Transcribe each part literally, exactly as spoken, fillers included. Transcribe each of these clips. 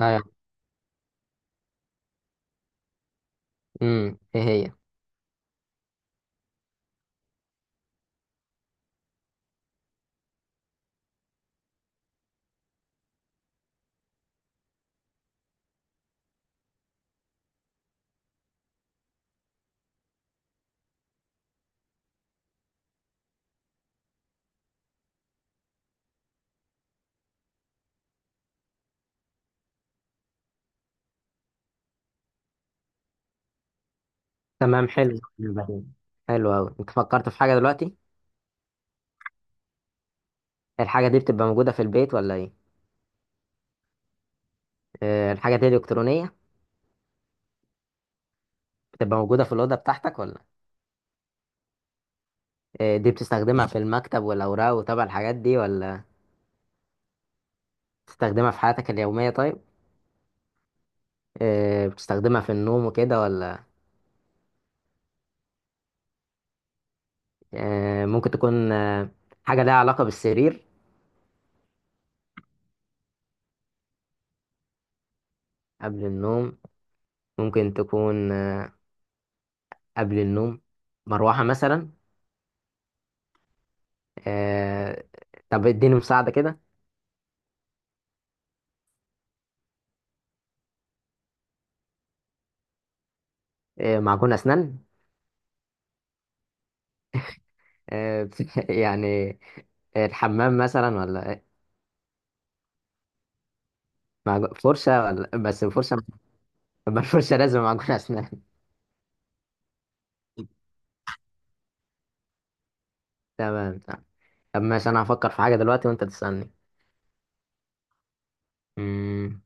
ايوه. امم، ايه هي؟ تمام، حلو. بعدين حلو قوي. انت فكرت في حاجه دلوقتي؟ الحاجه دي بتبقى موجوده في البيت ولا ايه؟ آه، الحاجه دي الكترونيه؟ بتبقى موجوده في الاوضه بتاعتك ولا؟ آه، دي بتستخدمها في المكتب والاوراق وتبع الحاجات دي ولا؟ بتستخدمها في حياتك اليوميه؟ طيب، آه، بتستخدمها في النوم وكده ولا؟ آه، ممكن تكون آه، حاجه لها علاقه بالسرير؟ قبل النوم ممكن تكون آه، قبل النوم. مروحه مثلا؟ آه، طب اديني مساعده كده. آه، معجون اسنان؟ آه، بت- يعني الحمام مثلا ولا إيه؟ معج- فرشة؟ ولا بس الفرشة؟ ما الفرشة لازم معجون أسنان. تمام تمام طب ماشي، أنا هفكر في حاجة دلوقتي وأنت تسألني. أمم،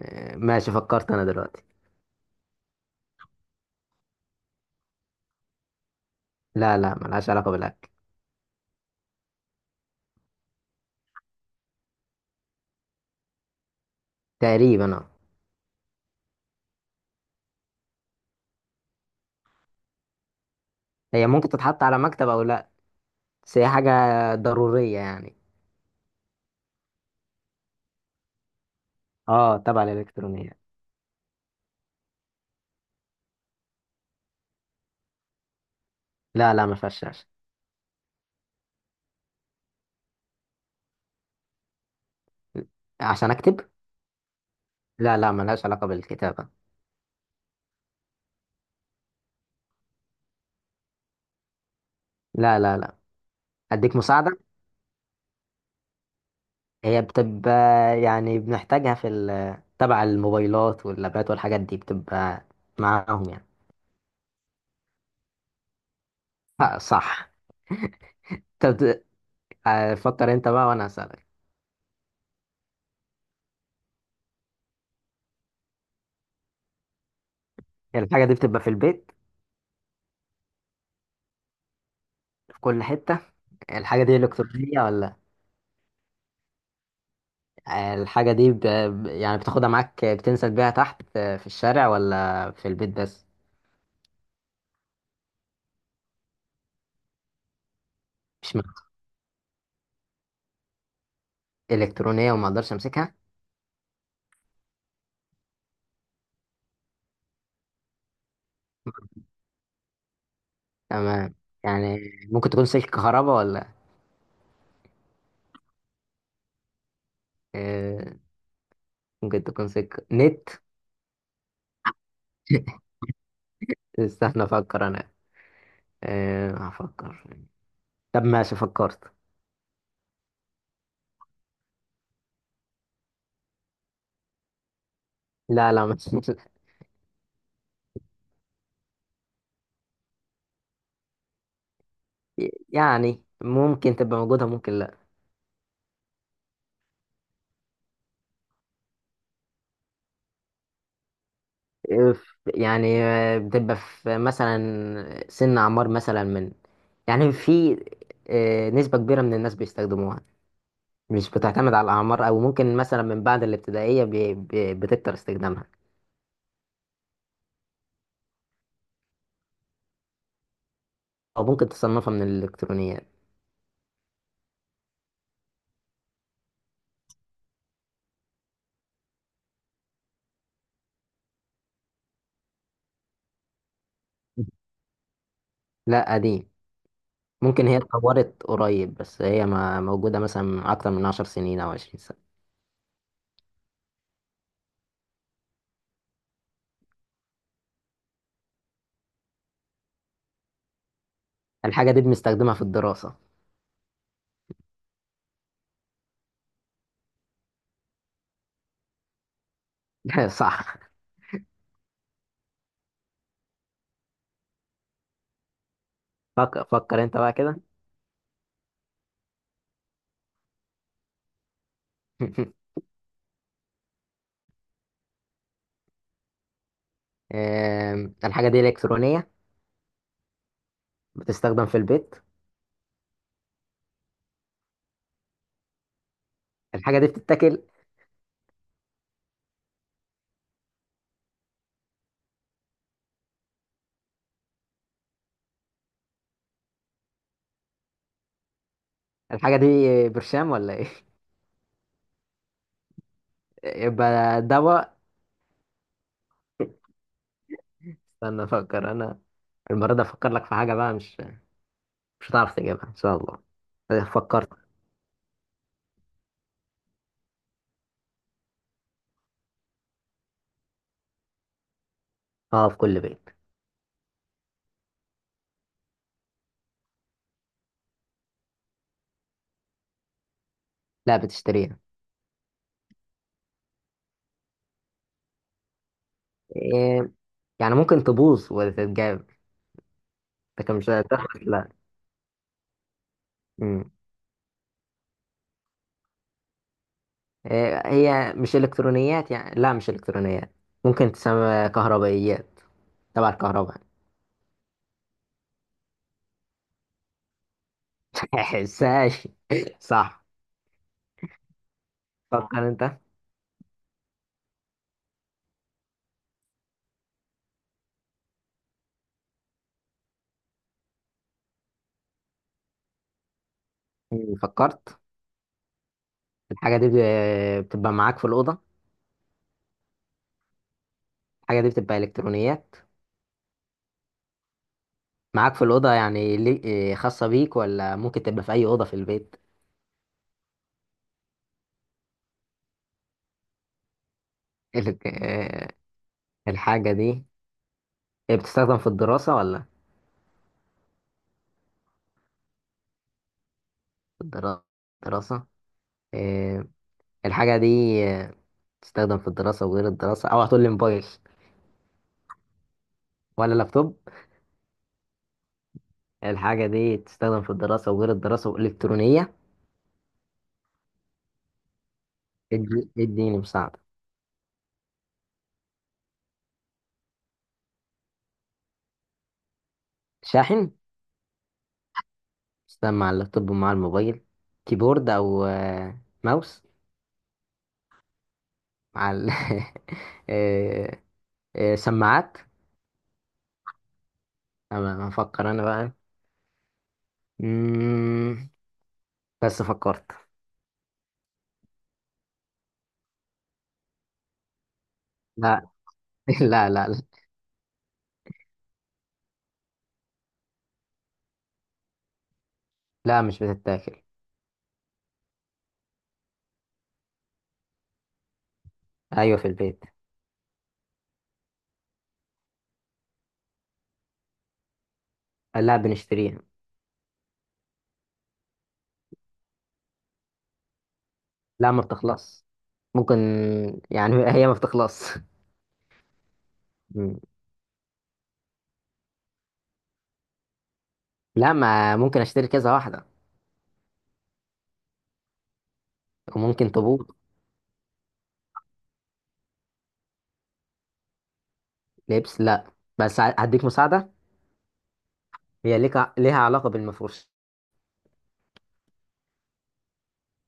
آه، ماشي، فكرت أنا دلوقتي. لا لا، ملهاش علاقة بالأكل. تقريبا أه. هي ممكن تتحط على مكتب أو لا، بس هي حاجة ضرورية يعني. أه تبع الإلكترونية. لا لا، ما فيهاش شاشة. عشان أكتب؟ لا لا، ملهاش علاقة بالكتابة. لا لا لا. أديك مساعدة. هي بتبقى يعني بنحتاجها في ال- تبع الموبايلات واللابات والحاجات دي، بتبقى معاهم يعني. آه، صح. طب آه، فكر انت بقى وانا هسألك. الحاجة دي بتبقى في البيت؟ في كل حتة؟ الحاجة دي إلكترونية ولا؟ آه، الحاجة دي ب... يعني بتاخدها معاك؟ آه، بتنزل بيها تحت؟ آه، في الشارع ولا في البيت بس؟ مش م- إلكترونية وما أقدرش أمسكها؟ تمام. يعني ممكن تكون سلك كهرباء ولا؟ آه، ممكن تكون سلك نت؟ استنى أفكر أنا. أه هفكر. طب ماشي، فكرت. لا لا، مش مش- يعني ممكن تبقى موجودة ممكن لا. آه، ف- يعني آه، بتبقى في مثلا سن أعمار مثلا من، يعني في آه، نسبة كبيرة من الناس بيستخدموها. مش بتعتمد على الأعمار، أو ممكن مثلا من بعد الابتدائية بي- بي- بتكتر استخدامها. أو ممكن تصنفها من الإلكترونيات. لا، قديم. ممكن هي اتطورت قريب، بس هي ما موجودة مثلا من أكتر من عشر سنين أو عشرين سنة. الحاجة دي بنستخدمها في الدراسة. صح. فكر فكر انت بقى كده. آم، الحاجة دي إلكترونية؟ بتستخدم في البيت؟ الحاجة دي بتتاكل؟ الحاجة دي برشام ولا ايه؟ يبقى دواء. استنى افكر انا. المرة دي افكر لك في حاجة بقى، مش مش هتعرف تجيبها ان شاء الله. آه، فكرت. اه في كل بيت. لا بتشتريها. إيه يعني ممكن تبوظ وتتجاب، لكن مش هتخلص لا. مم. إيه، هي مش إلكترونيات يعني، لا مش إلكترونيات. ممكن تسمى كهربائيات، تبع الكهرباء. حساش. صح. فكر انت. مم، فكرت. الحاجة دي ب- بتبقى معاك في الأوضة. الحاجة دي بتبقى إلكترونيات. معاك في الأوضة يعني لي- آه، خاصة بيك، ولا ممكن تبقى في أي أوضة في البيت؟ ال- آه، الحاجة دي بتستخدم في الدراسة ولا؟ في الدرا- الدراسة. آه، الحاجة دي آه، بتستخدم في الدراسة وغير الدراسة؟ أو هتقول لي موبايل ولا لابتوب؟ الحاجة دي بتستخدم في الدراسة وغير الدراسة وإلكترونية. ادي- اديني مساعدة. شاحن؟ تشتغل مع اللابتوب ومع الموبايل. كيبورد او آه، ماوس؟ مع ال... آه، آه، سماعات. انا هفكر انا بقى. مم، بس فكرت. لا لا لا لا لا، مش بتتاكل. ايوه في البيت. لا بنشتريها. لا ما بتخلص. ممكن يعني هي ما بتخلص. مم. لا ما، ممكن اشتري كذا واحده، وممكن تبوظ. لبس لا، بس هديك مساعده. هي ليك، ليها علاقه بالمفروش.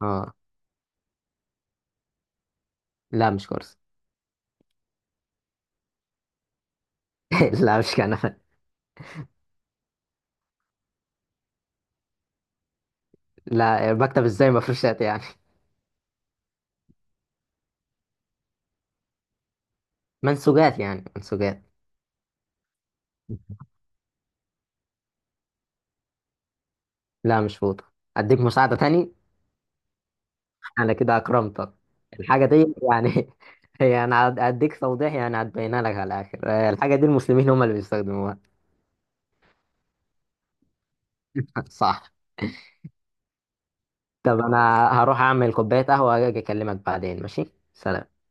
اه. لا مش كرسي. لا مش كان. لا بكتب ازاي مفروشات يعني. منسوجات، يعني منسوجات. لا مش فوطة. اديك مساعدة تاني. انا كده اكرمتك. الحاجة دي يعني هي انا هد- هديك توضيح، يعني هتبينها لك على الاخر. آه، الحاجة دي المسلمين هم اللي بيستخدموها. صح. طب انا هروح اعمل كوباية قهوة واجي اكلمك بعدين، ماشي؟ سلام.